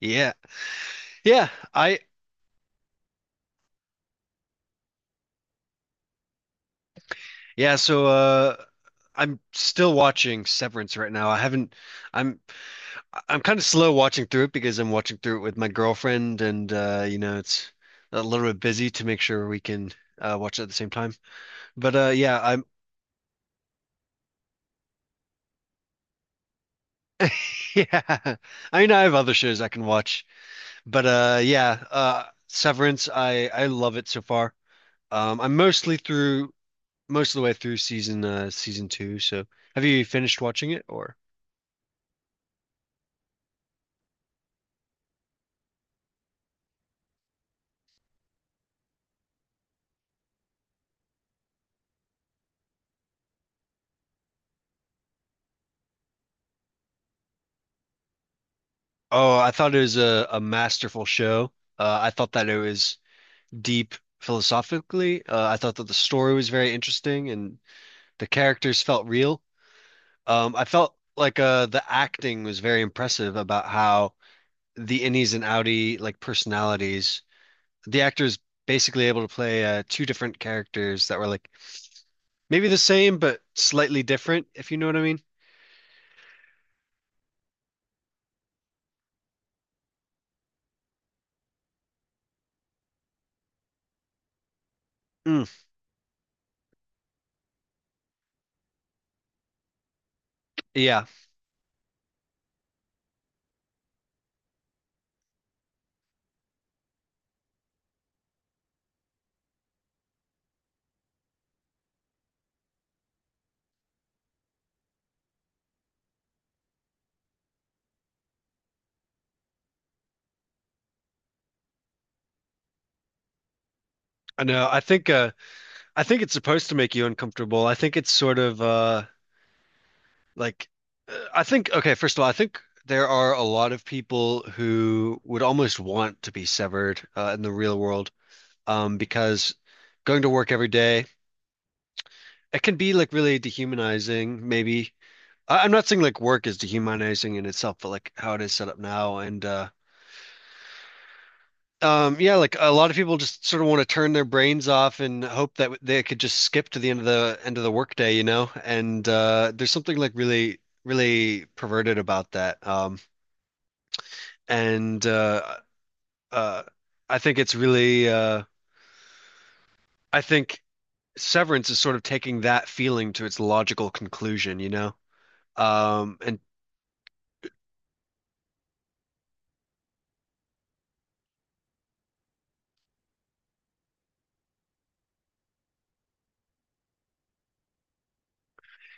Yeah. Yeah. I yeah, so I'm still watching Severance right now. I haven't I'm I'm kind of slow watching through it because I'm watching through it with my girlfriend and you know it's a little bit busy to make sure we can watch it at the same time. But yeah, I'm yeah. I mean I have other shows I can watch. But yeah, Severance I love it so far. I'm most of the way through season season two. So have you finished watching it or? Oh, I thought it was a masterful show. I thought that it was deep philosophically. I thought that the story was very interesting and the characters felt real. I felt like the acting was very impressive about how the innies and outie like personalities. The actors basically able to play two different characters that were like maybe the same but slightly different, if you know what I mean. Mm, yeah, I know. I think it's supposed to make you uncomfortable. Like, I think, okay, first of all, I think there are a lot of people who would almost want to be severed in the real world, because going to work every day, it can be like really dehumanizing, maybe. I'm not saying like work is dehumanizing in itself, but like how it is set up now. And yeah, like a lot of people just sort of want to turn their brains off and hope that they could just skip to the end of the workday, you know? And there's something like really, really perverted about that. And uh, I think it's really I think Severance is sort of taking that feeling to its logical conclusion, you know? And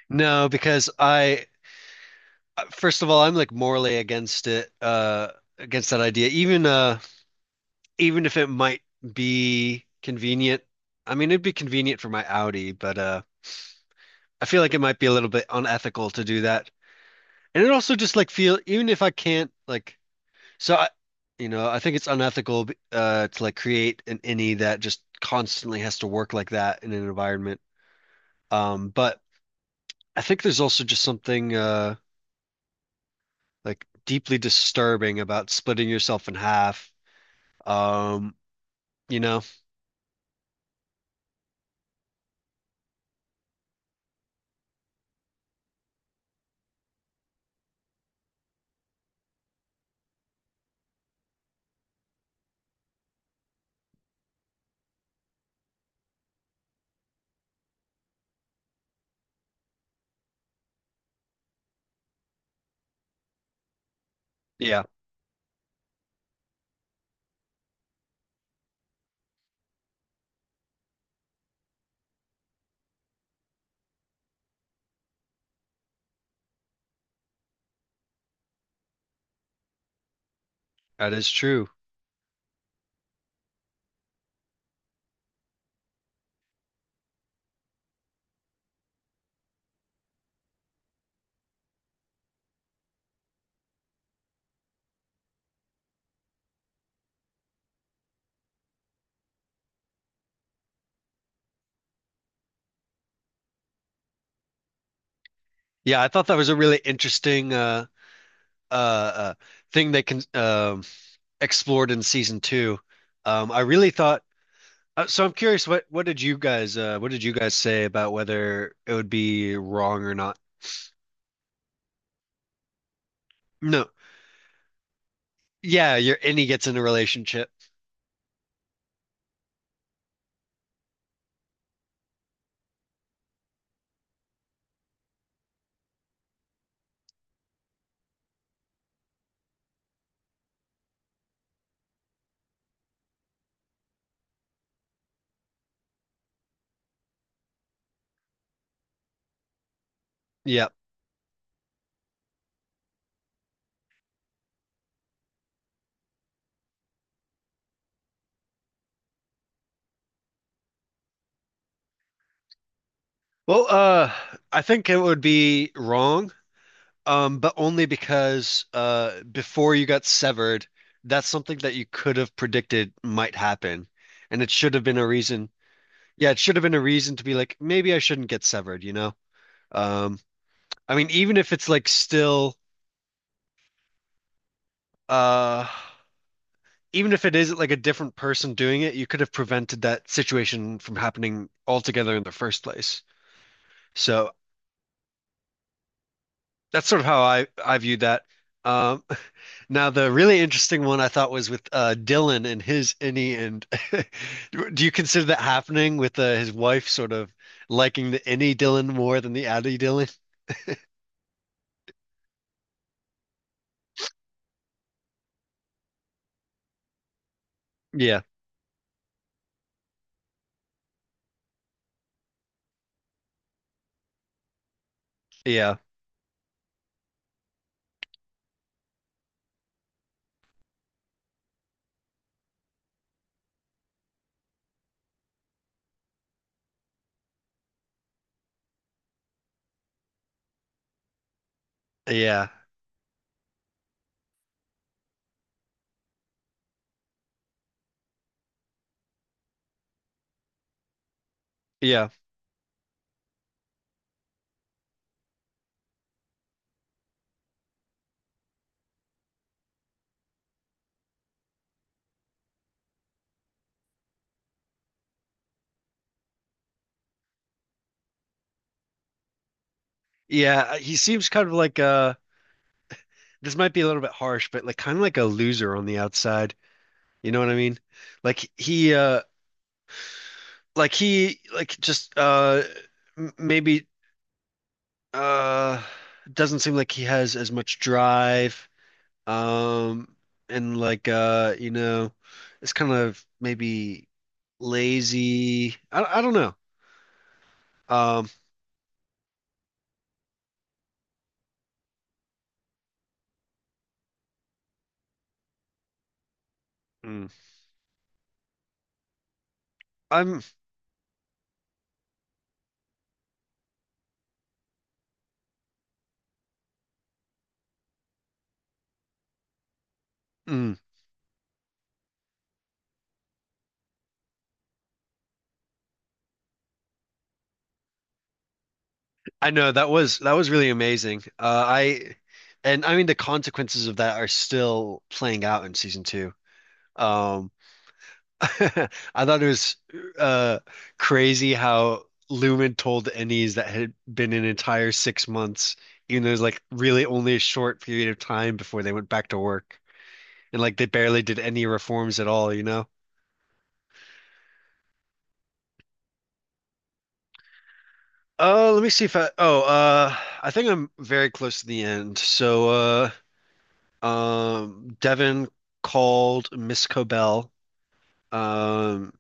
No, because I first of all I'm like morally against it, against that idea, even if it might be convenient. I mean, it'd be convenient for my Audi, but I feel like it might be a little bit unethical to do that. And it also just like feel even if I can't like So I, you know, I think it's unethical to like create an innie that just constantly has to work like that in an environment. But I think there's also just something like deeply disturbing about splitting yourself in half. Um, you know, yeah, that is true. Yeah, I thought that was a really interesting uh, uh thing they can explored in season two. I really thought so I'm curious, what did you guys what did you guys say about whether it would be wrong or not? No. Yeah, you're and he gets in a relationship. Yeah. Well, I think it would be wrong, but only because before you got severed, that's something that you could have predicted might happen. And it should have been a reason. Yeah, it should have been a reason to be like, maybe I shouldn't get severed, you know? Um, I mean, even if it's like still uh even if it is like a different person doing it, you could have prevented that situation from happening altogether in the first place. So that's sort of how I viewed that. Um, now the really interesting one I thought was with Dylan and his innie, and do you consider that happening with his wife sort of liking the innie Dylan more than the Addy Dylan? Yeah, yeah, yeah, yeah, yeah. He seems kind of like this might be a little bit harsh, but like kind of like a loser on the outside. You know what I mean? Like he uh like he like just maybe uh doesn't seem like he has as much drive, um and like you know, it's kind of maybe lazy. I don't know. Um mm, I'm mm, I know that was really amazing. I mean the consequences of that are still playing out in season two. Um, I thought it was uh, crazy how Lumen told Ennis that had been an entire 6 months, even though it was like really only a short period of time before they went back to work. And like they barely did any reforms at all, you know? Oh, let me see if I. I think I'm very close to the end. So, Devin called Miss Cobell. Um,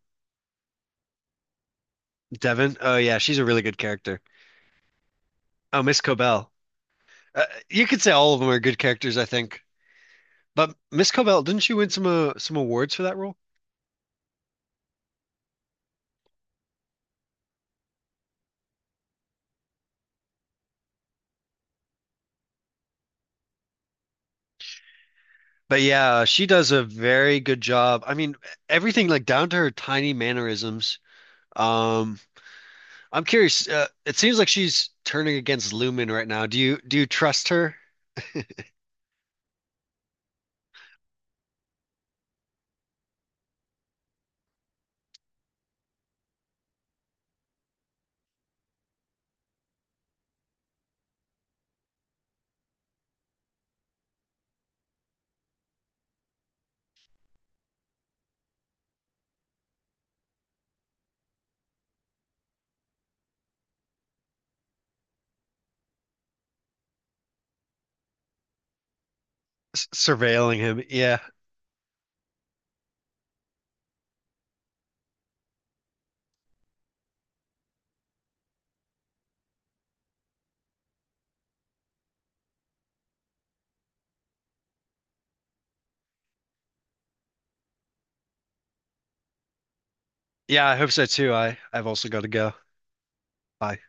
Devin. Oh yeah, she's a really good character. Oh, Miss Cobell. Uh, you could say all of them are good characters, I think. But Miss Cobell, didn't she win some awards for that role? But yeah, she does a very good job. I mean, everything like down to her tiny mannerisms. Um, I'm curious. It seems like she's turning against Lumen right now. Do you trust her? S Surveilling him? Yeah, yeah. I hope so too. I've also got to go. Bye.